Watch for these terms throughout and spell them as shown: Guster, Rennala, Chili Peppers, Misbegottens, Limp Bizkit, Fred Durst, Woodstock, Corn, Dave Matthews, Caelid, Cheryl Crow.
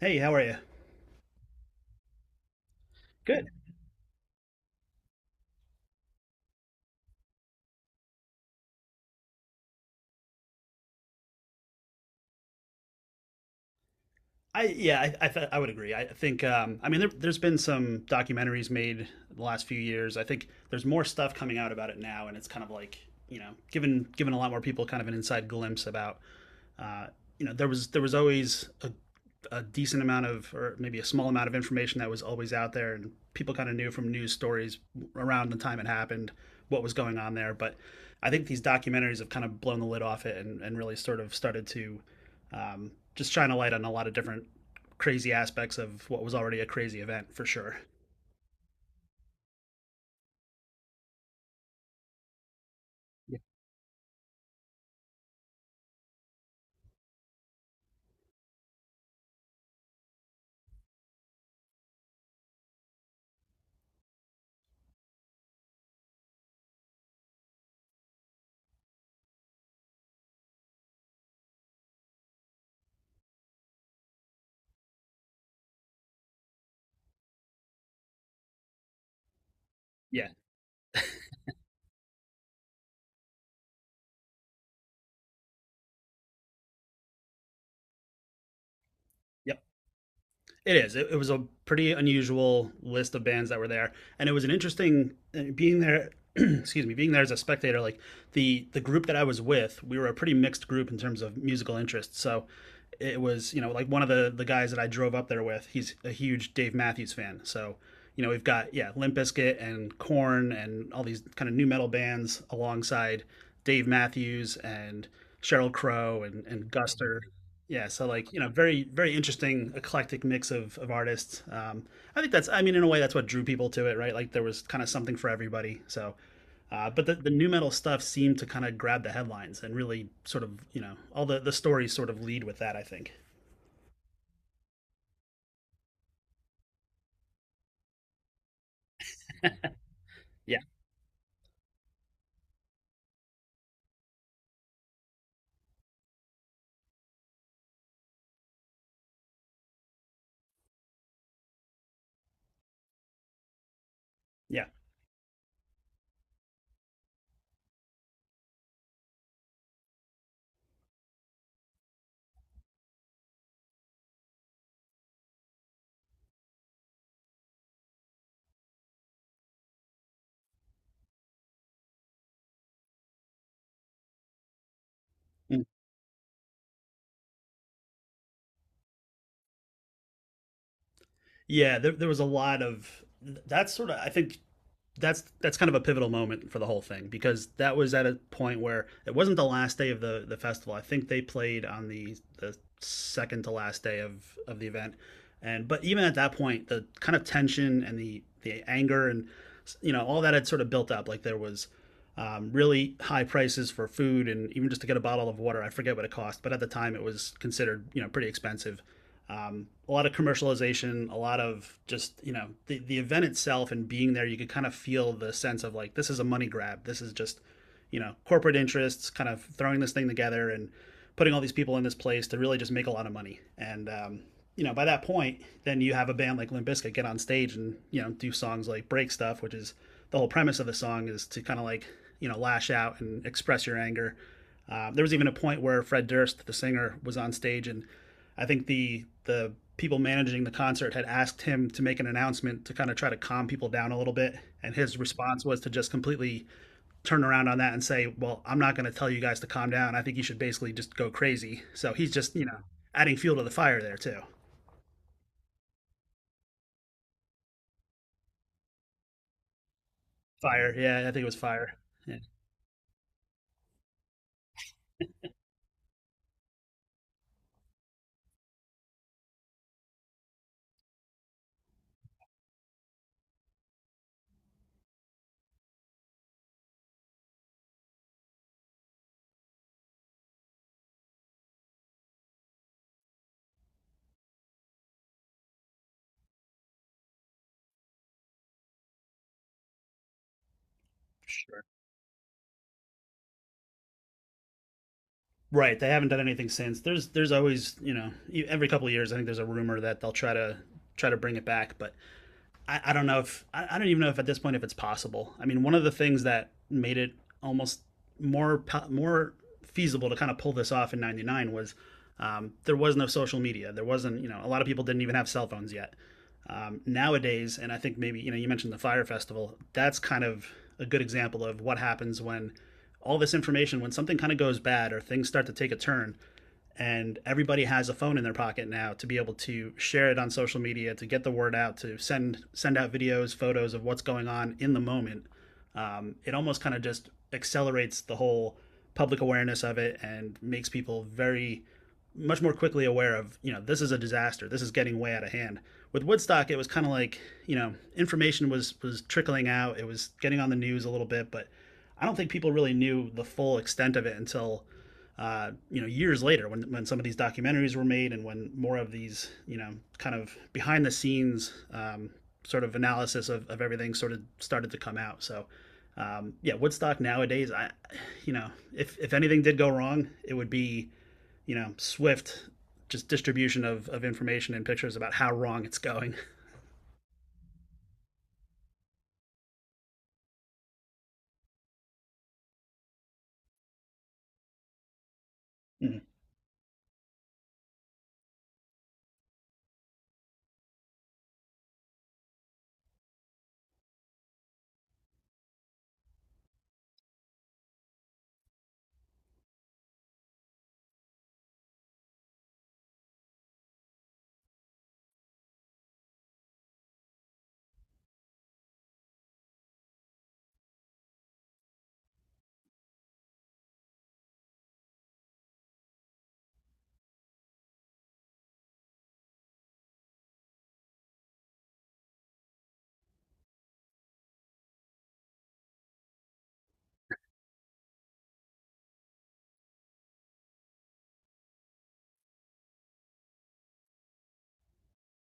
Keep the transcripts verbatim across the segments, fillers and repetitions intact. Hey, how are you? I Yeah, I I, th- I would agree. I think um, I mean there, there's been some documentaries made the last few years. I think there's more stuff coming out about it now, and it's kind of like, you know given given a lot more people kind of an inside glimpse about uh, you know there was there was always a, a decent amount of, or maybe a small amount of information that was always out there, and people kind of knew from news stories around the time it happened what was going on there. But I think these documentaries have kind of blown the lid off it, and, and really sort of started to, Um, just trying to light on a lot of different crazy aspects of what was already a crazy event for sure. Yeah. Yep. It is. It, it was a pretty unusual list of bands that were there, and it was an interesting uh, being there. Excuse me, being there as a spectator. Like the the group that I was with, we were a pretty mixed group in terms of musical interests. So it was, you know like one of the the guys that I drove up there with. He's a huge Dave Matthews fan. So, you know we've got, yeah, Limp Bizkit and Corn and all these kind of new metal bands alongside Dave Matthews and Cheryl Crow and and Guster. Yeah, so like, you know very, very interesting eclectic mix of of artists. um I think that's I mean, in a way that's what drew people to it, right, like there was kind of something for everybody. So uh but the, the new metal stuff seemed to kind of grab the headlines and really sort of, you know, all the the stories sort of lead with that, I think. Yeah. Yeah. Mm. Yeah, there, there was a lot of, that's sort of, I think, that's that's kind of a pivotal moment for the whole thing, because that was at a point where it wasn't the last day of the the festival. I think they played on the the second to last day of of the event, and but even at that point, the kind of tension and the the anger and, you know, all that had sort of built up. Like there was, um, really high prices for food and even just to get a bottle of water. I forget what it cost, but at the time it was considered, you know, pretty expensive. Um, a lot of commercialization, a lot of just, you know, the the event itself and being there. You could kind of feel the sense of like this is a money grab. This is just, you know, corporate interests kind of throwing this thing together and putting all these people in this place to really just make a lot of money. And um, you know, by that point, then you have a band like Limp Bizkit get on stage and, you know, do songs like Break Stuff, which is, the whole premise of the song is to kind of like, you know, lash out and express your anger. Uh, there was even a point where Fred Durst, the singer, was on stage, and I think the the people managing the concert had asked him to make an announcement to kind of try to calm people down a little bit, and his response was to just completely turn around on that and say, well, I'm not going to tell you guys to calm down, I think you should basically just go crazy. So he's just, you know, adding fuel to the fire there too. Fire, yeah, I think it was Fire. Yeah. Right, they haven't done anything since. There's there's always, you know, e, every couple of years, I think there's a rumor that they'll try to try to bring it back, but I, I don't know if I, I don't even know if, at this point, if it's possible. I mean, one of the things that made it almost more more feasible to kind of pull this off in 'ninety-nine was, um, there was no social media. There wasn't, you know, a lot of people didn't even have cell phones yet. Um, nowadays, and I think maybe, you know, you mentioned the Fire Festival. That's kind of a good example of what happens when all this information, when something kind of goes bad or things start to take a turn, and everybody has a phone in their pocket now to be able to share it on social media, to get the word out, to send send out videos, photos of what's going on in the moment. Um, it almost kind of just accelerates the whole public awareness of it, and makes people very much more quickly aware of, you know, this is a disaster, this is getting way out of hand. With Woodstock, it was kind of like, you know, information was was trickling out, it was getting on the news a little bit, but I don't think people really knew the full extent of it until, uh, you know, years later, when when some of these documentaries were made, and when more of these, you know, kind of behind the scenes, um, sort of analysis of, of everything sort of started to come out. So, um, yeah, Woodstock nowadays, I, you know, if if anything did go wrong, it would be, you know, swift just distribution of, of information and pictures about how wrong it's going.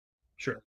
Sure.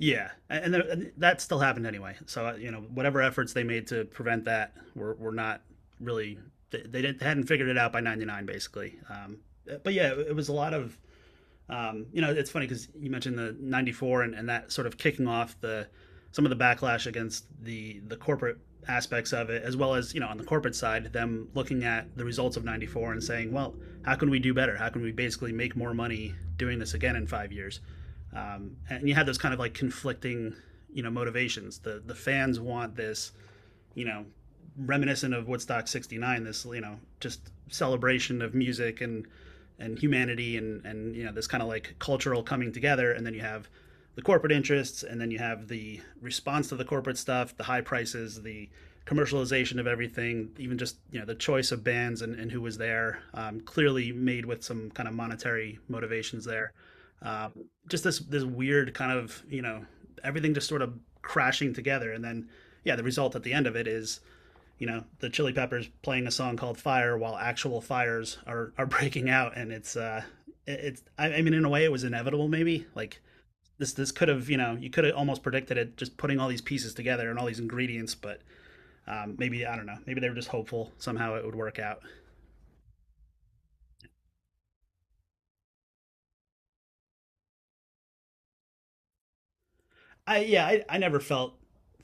Yeah, and th- that still happened anyway. So, uh, you know, whatever efforts they made to prevent that were were not really, they, they didn't, hadn't figured it out by 'ninety-nine basically. Um, but yeah, it was a lot of, um, you know, it's funny because you mentioned the ninety-four, and, and that sort of kicking off the, some of the backlash against the the corporate aspects of it, as well as, you know, on the corporate side, them looking at the results of 'ninety-four and saying, well, how can we do better? How can we basically make more money doing this again in five years? Um, and you had those kind of like conflicting, you know, motivations. The the fans want this, you know, reminiscent of Woodstock sixty-nine, this, you know, just celebration of music and, and humanity, and, and, you know, this kind of like cultural coming together. And then you have the corporate interests, and then you have the response to the corporate stuff, the high prices, the commercialization of everything, even just, you know, the choice of bands and, and who was there, um, clearly made with some kind of monetary motivations there. Um, just this, this weird kind of, you know, everything just sort of crashing together. And then, yeah, the result at the end of it is, you know, the Chili Peppers playing a song called Fire while actual fires are, are breaking out. And it's, uh, it's, I, I mean, in a way it was inevitable, maybe like this, this could have, you know, you could have almost predicted it, just putting all these pieces together and all these ingredients. But, um, maybe, I don't know, maybe they were just hopeful somehow it would work out. I Yeah, I, I never felt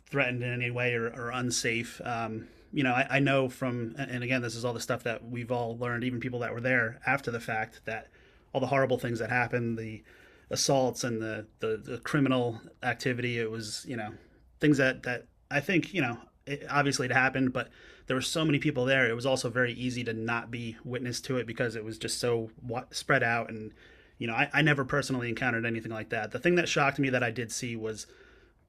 threatened in any way, or, or unsafe. Um, you know, I, I know from, and again, this is all the stuff that we've all learned, even people that were there after the fact, that all the horrible things that happened, the assaults and the, the, the criminal activity, it was, you know, things that, that I think, you know, it, obviously it happened, but there were so many people there. It was also very easy to not be witness to it, because it was just so spread out. And, you know, I, I never personally encountered anything like that. The thing that shocked me that I did see was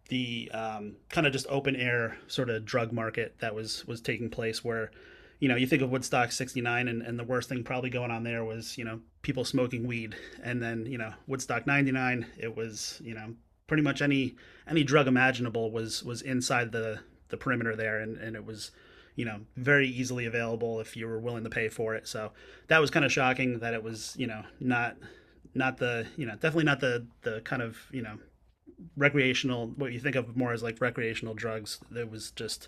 the, um, kind of just open air sort of drug market that was was taking place, where, you know, you think of Woodstock sixty-nine, and, and the worst thing probably going on there was, you know, people smoking weed. And then, you know, Woodstock ninety-nine, it was, you know, pretty much any any drug imaginable was was inside the the perimeter there, and and it was, you know, very easily available if you were willing to pay for it. So that was kind of shocking, that it was, you know, not not the, you know, definitely not the the kind of, you know, recreational, what you think of more as like recreational drugs. There was just,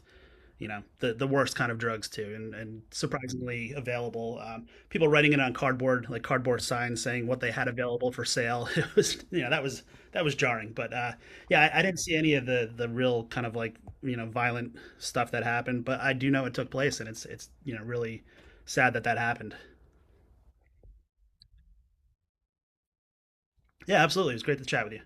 you know, the the worst kind of drugs too, and and surprisingly available. Um, people writing it on cardboard, like cardboard signs saying what they had available for sale. It was, you know, that was, that was jarring. But uh yeah, I, I didn't see any of the the real kind of like, you know, violent stuff that happened, but I do know it took place, and it's it's you know, really sad that that happened. Yeah, absolutely. It was great to chat with you.